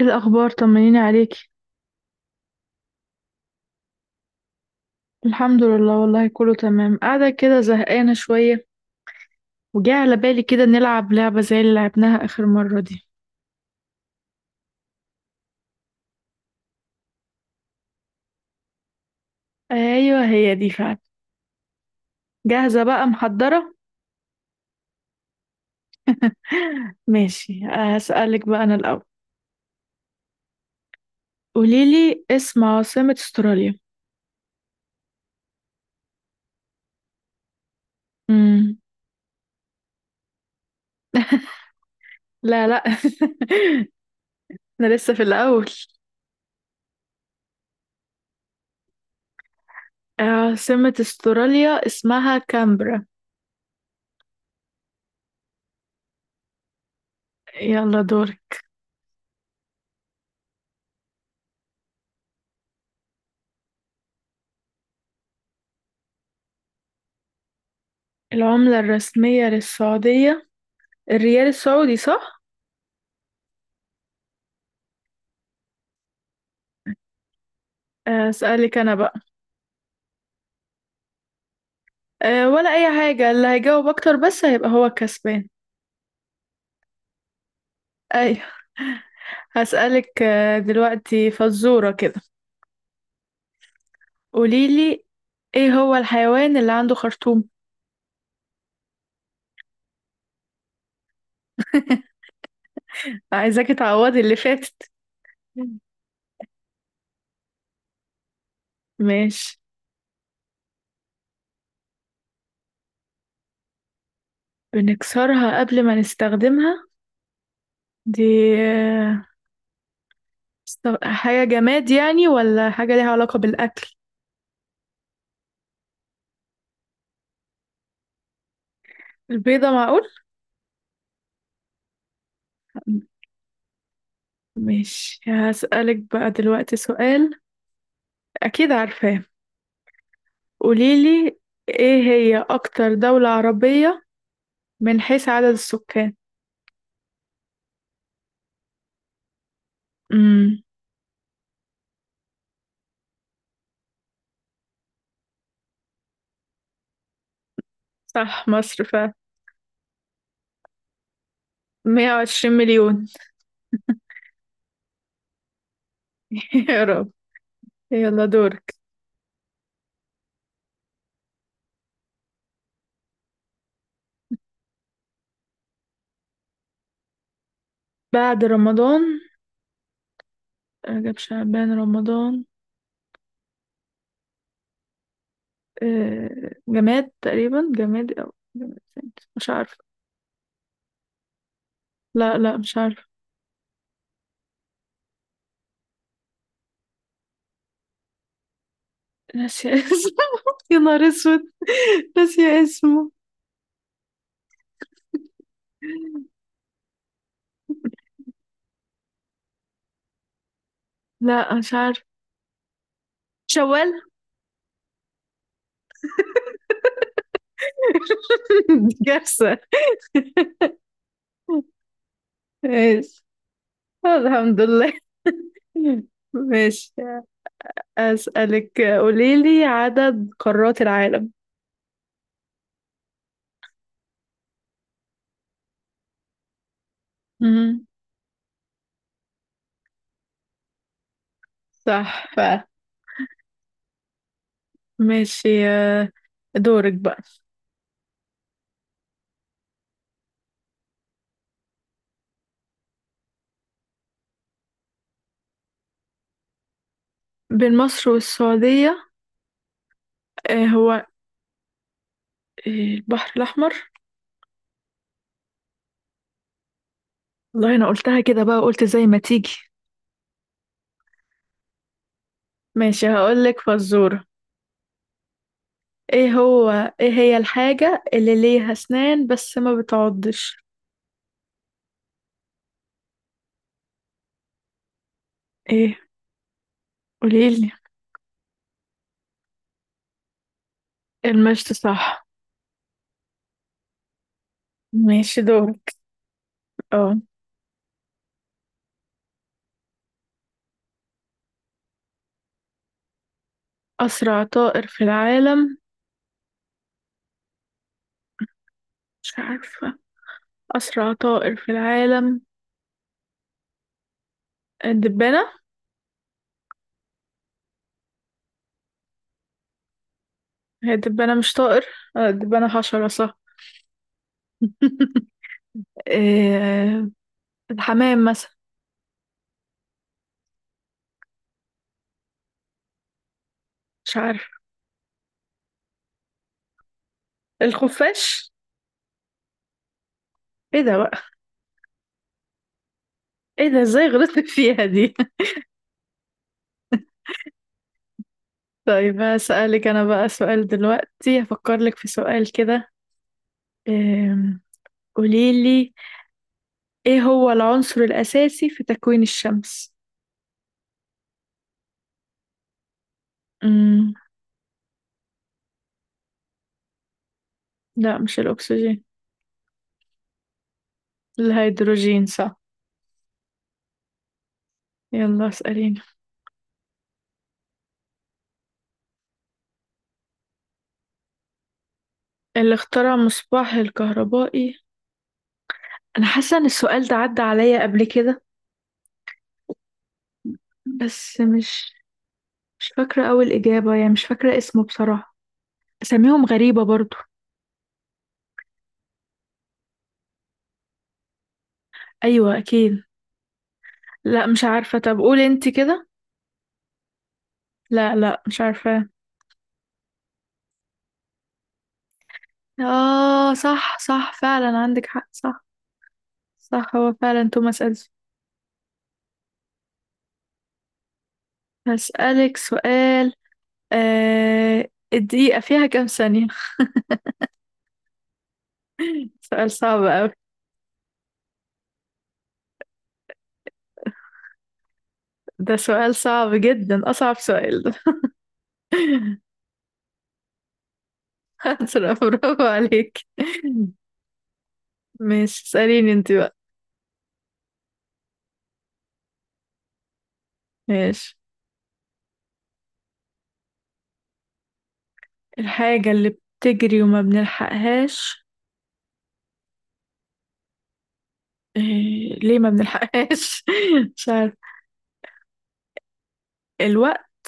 ايه الاخبار؟ طمنيني عليكي. الحمد لله والله كله تمام، قاعده كده زهقانه شويه. وجاء على بالي كده نلعب لعبه زي اللي لعبناها اخر مره دي. ايوه، هي دي فعلا. جاهزه بقى محضره. ماشي، هسألك بقى انا الاول. قوليلي اسم عاصمه استراليا. امم لا لا. انا لسه في الاول. عاصمه استراليا اسمها كامبرا. يلا دورك. العمله الرسميه للسعوديه الريال السعودي صح. اسألك انا بقى. أه، ولا أي حاجة، اللي هيجاوب أكتر بس هيبقى هو الكسبان. أيوة. هسألك دلوقتي فزورة كده. قوليلي إيه هو الحيوان اللي عنده خرطوم. عايزاكي تعوضي اللي فاتت. ماشي. بنكسرها قبل ما نستخدمها دي، آه، حاجة جماد يعني ولا حاجة ليها علاقة بالأكل. البيضة، معقول. ماشي، هسألك بقى دلوقتي سؤال. أكيد عارفاه. قوليلي ايه هي اكتر دولة عربية من حيث عدد السكان. امم صح، مصر فعلا. 120 مليون. يا رب. يلا دورك. بعد رمضان رجب شعبان رمضان، جماد تقريبا، جماد او جماد تاني. مش عارفة. لا لا، مش عارفة. ناسية اسمه. يا نهار اسود، ناسية اسمه. لا مش عارفة، شوال. كارثة. إيش؟ الحمد لله. ماشي، أسألك قوليلي عدد قارات العالم. مهم. صح بقى. ماشي. دورك بقى. بين مصر والسعودية، آه، هو آه، البحر الأحمر. والله انا قلتها كده بقى، قلت زي ما تيجي. ماشي، هقولك فزورة. ايه هو، ايه هي الحاجة اللي ليها أسنان بس ما بتعضش. ايه، قوليلي. المشط صح. ماشي، دورك. اه، أسرع طائر في العالم. مش عارفة. أسرع طائر في العالم الدبانة. هي الدبانة مش طائر، الدبانة حشرة صح. آه، الحمام مثلا. مش عارفة. الخفاش. ايه ده بقى؟ ايه ده ازاي غلطت فيها دي. طيب، هسألك انا بقى سؤال دلوقتي، هفكر لك في سؤال كده. آم، قوليلي ايه هو العنصر الأساسي في تكوين الشمس. مم. لا، مش الأكسجين. الهيدروجين صح. يلا اسأليني. اللي اخترع مصباح الكهربائي، انا حاسه ان السؤال ده عدى عليا قبل كده بس مش فاكره اول اجابه يعني، مش فاكره اسمه بصراحه. اساميهم غريبه برضو. ايوه اكيد. لا مش عارفه، طب قولي انت كده. لا لا، مش عارفه. اه، صح صح فعلا، عندك حق صح. صح، هو فعلا توماس اديسون. هسألك سؤال. الدقيقة فيها كام ثانية؟ سؤال صعب أوي. ده سؤال صعب جدا، أصعب سؤال ده. برافو عليك. ماشي، اسأليني انت. ماشي. الحاجة اللي بتجري وما بنلحقهاش. إيه... ليه ما بنلحقهاش؟ مش عارف. الوقت.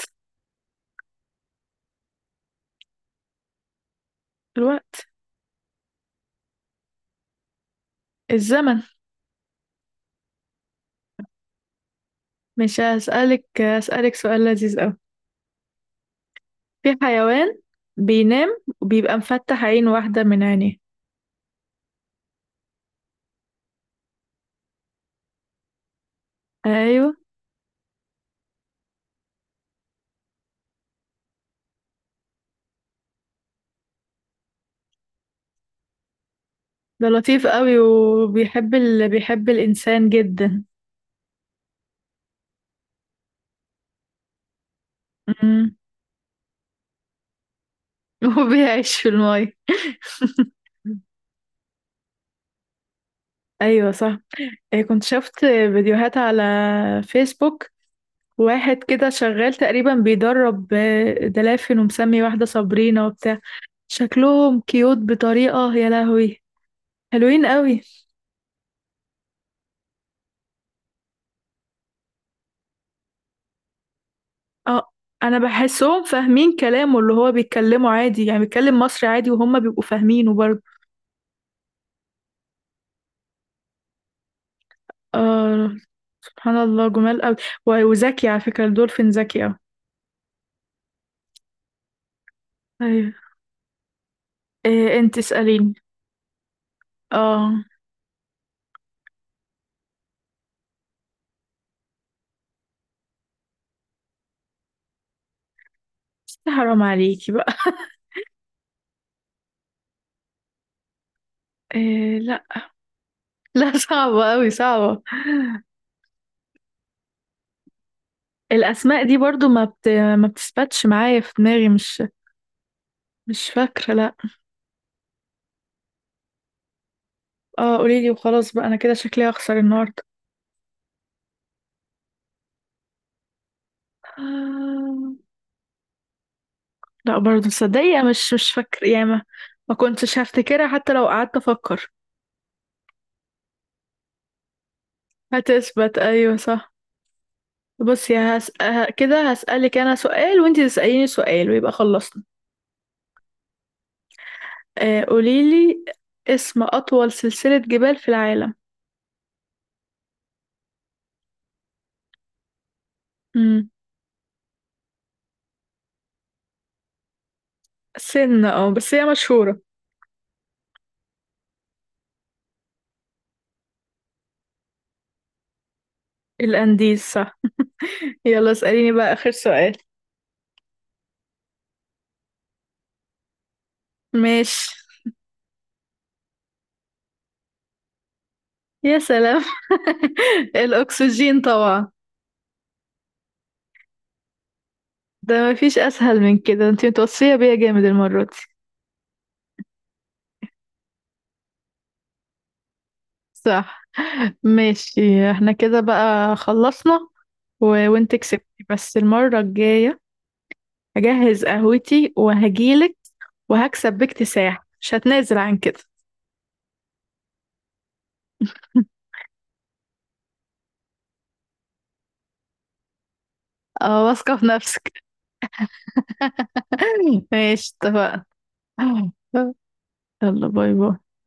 الوقت. الزمن. مش هسألك هسألك سؤال لذيذ أوي. في حيوان بينام وبيبقى مفتح عين واحدة من عينيه. أيوه. ده لطيف أوي وبيحب بيحب الإنسان جدا. أمم. وبيعيش في الماية. أيوه صح. كنت شفت فيديوهات على فيسبوك، واحد كده شغال تقريبا بيدرب دلافين، ومسمي واحدة صابرينا وبتاع. شكلهم كيوت بطريقة، يا لهوي حلوين قوي. اه، انا بحسهم فاهمين كلامه، اللي هو بيتكلمه عادي يعني، بيتكلم مصري عادي وهم بيبقوا فاهمينه برضه. اه. سبحان الله، جمال قوي. وذكي على فكرة، الدولفين ذكي قوي. ايوه. إيه، انت اسأليني. اه. حرام عليكي بقى. إيه لا. لا. صعبة قوي صعبة. الأسماء دي برضو ما بتثبتش معايا في دماغي، مش فاكرة، لأ. اه، قوليلي وخلاص بقى، أنا كده شكلي هخسر النهاردة. آه، لأ برضه تصدقي، مش فاكرة يا ما. ما كنتش هفتكرها حتى لو قعدت أفكر. هتثبت أيوة صح. بصي، كده هسألك أنا سؤال وأنتي تسأليني سؤال، ويبقى خلصنا. قوليلي اسم أطول سلسلة جبال في العالم. مم. سنة بس هي مشهورة. الأنديز صح. يلا اسأليني بقى آخر سؤال. ماشي. يا سلام. الأكسجين طبعا. ده مفيش اسهل من كده، انتي متوصية بيا جامد المرة دي. صح. ماشي، احنا كده بقى خلصنا. وانت كسبتي بس المرة الجاية هجهز قهوتي وهجيلك، وهكسب باكتساح، مش هتنازل عن كده. اه، واثقة في نفسك. ماشي، اتفقنا. يلا، باي باي.